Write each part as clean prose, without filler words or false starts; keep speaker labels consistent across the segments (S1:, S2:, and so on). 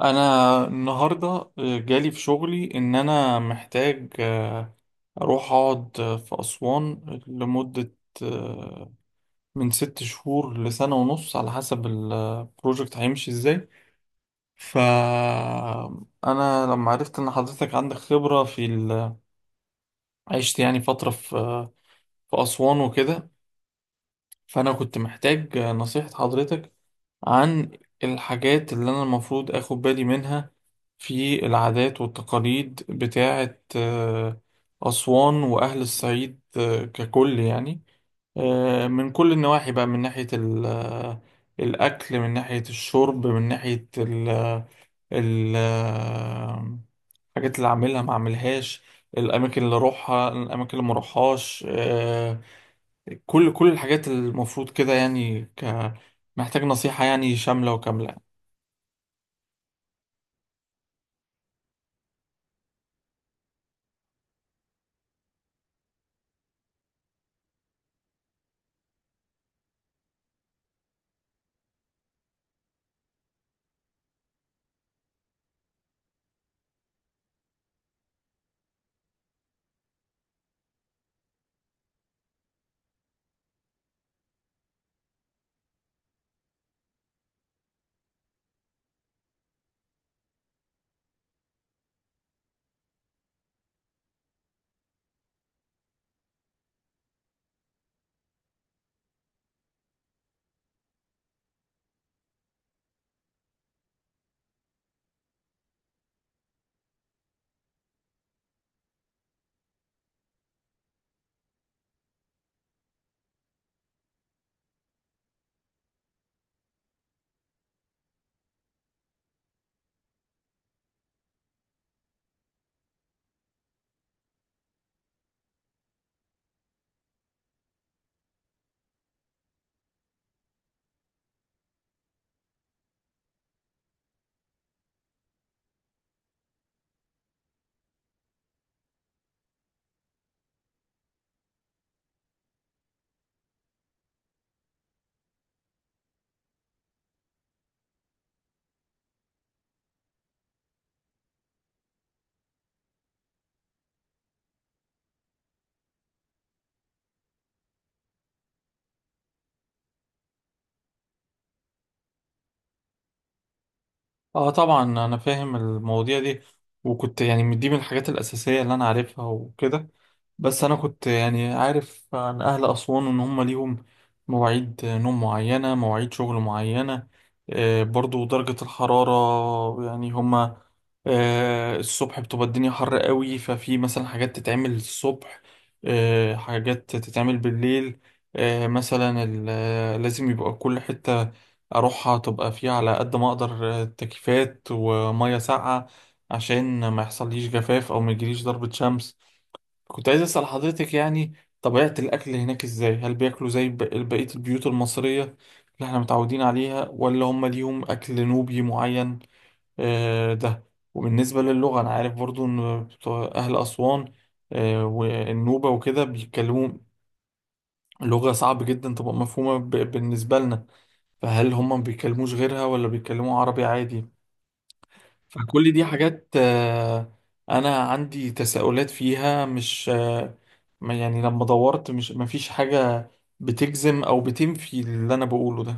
S1: انا النهارده جالي في شغلي ان انا محتاج اروح اقعد في اسوان لمده آه، من 6 شهور لسنه ونص على حسب البروجكت هيمشي ازاي. فانا لما عرفت ان حضرتك عندك خبره في عشت يعني فتره في اسوان وكده. فانا كنت محتاج نصيحه حضرتك عن الحاجات اللي أنا المفروض أخد بالي منها في العادات والتقاليد بتاعة أسوان وأهل الصعيد ككل يعني، من كل النواحي بقى، من ناحية الأكل، من ناحية الشرب، من ناحية ال- آه، الحاجات اللي أعملها ما أعملهاش، الأماكن اللي أروحها، الأماكن اللي مروحهاش، كل الحاجات المفروض كده يعني، محتاج نصيحة يعني شاملة وكاملة. اه، طبعا انا فاهم المواضيع دي، وكنت يعني دي من الحاجات الاساسيه اللي انا عارفها وكده. بس انا كنت يعني عارف عن اهل اسوان ان هم ليهم مواعيد نوم معينه، مواعيد شغل معينه، برضو درجه الحراره. يعني هم الصبح بتبقى الدنيا حر قوي، ففي مثلا حاجات تتعمل الصبح، حاجات تتعمل بالليل، مثلا لازم يبقى كل حته اروحها تبقى فيها على قد ما اقدر تكييفات وميه ساقعه عشان ما يحصليش جفاف او ما يجيليش ضربة شمس. كنت عايز اسال حضرتك يعني طبيعة الاكل هناك ازاي؟ هل بياكلوا زي بقية البيوت المصرية اللي احنا متعودين عليها، ولا هم ليهم اكل نوبي معين؟ ده. وبالنسبة للغة، انا عارف برضو ان بتوع اهل اسوان والنوبة وكده بيتكلموا لغة صعب جدا تبقى مفهومة بالنسبة لنا. فهل هم ما بيتكلموش غيرها ولا بيتكلموا عربي عادي؟ فكل دي حاجات انا عندي تساؤلات فيها، مش يعني لما دورت، مش ما فيش حاجة بتجزم او بتنفي اللي انا بقوله ده.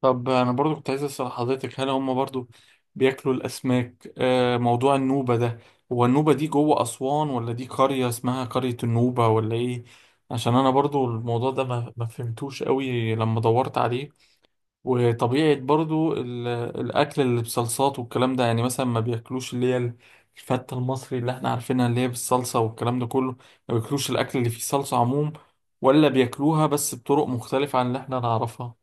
S1: طب انا برضو كنت عايز اسأل حضرتك، هل هم برضو بياكلوا الاسماك؟ موضوع النوبة ده، هو النوبة دي جوه اسوان ولا دي قرية اسمها قرية النوبة ولا ايه؟ عشان انا برضو الموضوع ده ما فهمتوش قوي لما دورت عليه. وطبيعة برضو الأكل اللي بصلصات والكلام ده، يعني مثلا ما بياكلوش اللي هي الفتة المصري اللي احنا عارفينها اللي هي بالصلصة والكلام ده كله، ما بياكلوش الأكل اللي فيه صلصة عموم، ولا بياكلوها بس بطرق مختلفة عن اللي احنا نعرفها؟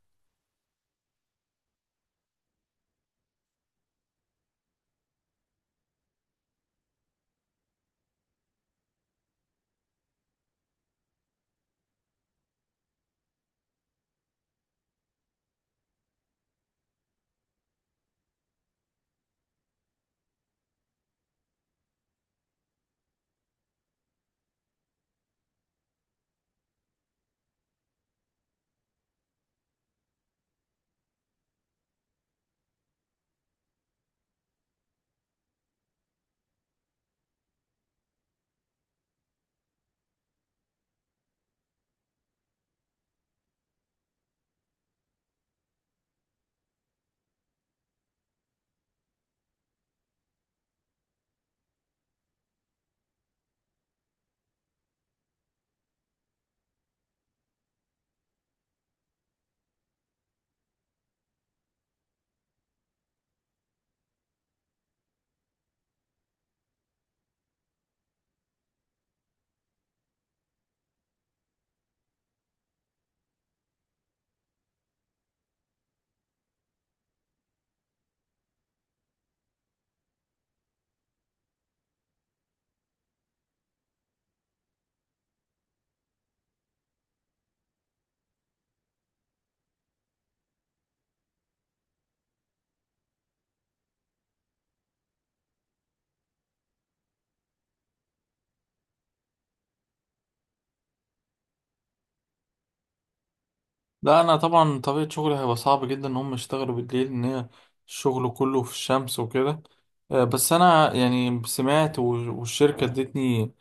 S1: لا، أنا طبعا طبيعة شغلي هيبقى صعب جدا إن هم يشتغلوا بالليل، إن هي الشغل كله في الشمس وكده. بس أنا يعني سمعت والشركة ادتني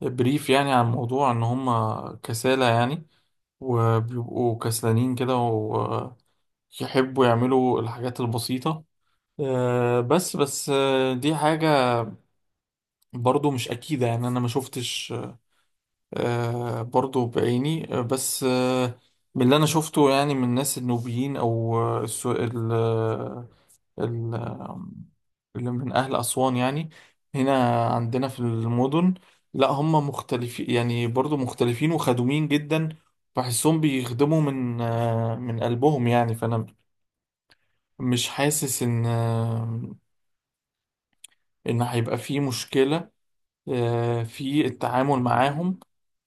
S1: بريف يعني عن الموضوع إن هم كسالى يعني، وبيبقوا كسلانين كده ويحبوا يعملوا الحاجات البسيطة. بس دي حاجة برضو مش أكيدة، يعني أنا ما شفتش برضو بعيني، بس من اللي انا شفته يعني من الناس النوبيين او ال- آه، اللي من أهل أسوان يعني هنا عندنا في المدن، لا هم مختلفين، يعني برضو مختلفين وخدومين جدا. بحسهم بيخدموا من قلبهم يعني. فأنا مش حاسس إن هيبقى فيه مشكلة في التعامل معاهم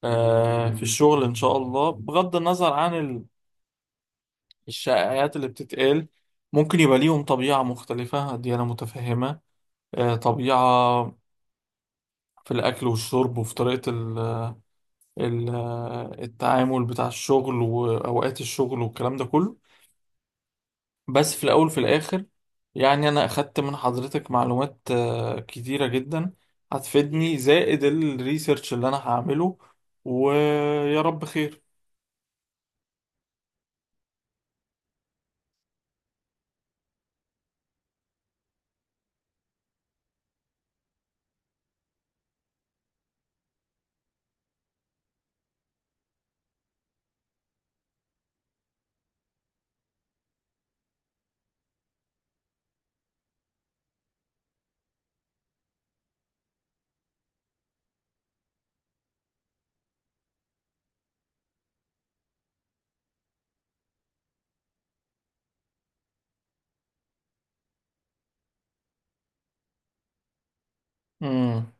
S1: في الشغل إن شاء الله، بغض النظر عن الشائعات اللي بتتقال. ممكن يبقى ليهم طبيعة مختلفة، دي أنا متفهمة، طبيعة في الأكل والشرب وفي طريقة ال التعامل بتاع الشغل وأوقات الشغل والكلام ده كله. بس في الأول وفي الآخر، يعني أنا أخدت من حضرتك معلومات كتيرة جدا هتفيدني زائد الريسيرش اللي أنا هعمله، ويا رب خير. امم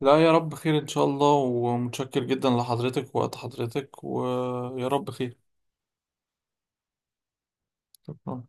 S1: لا، يا رب خير ان شاء الله، ومتشكر جدا لحضرتك ووقت حضرتك ويا رب خير. شكرا.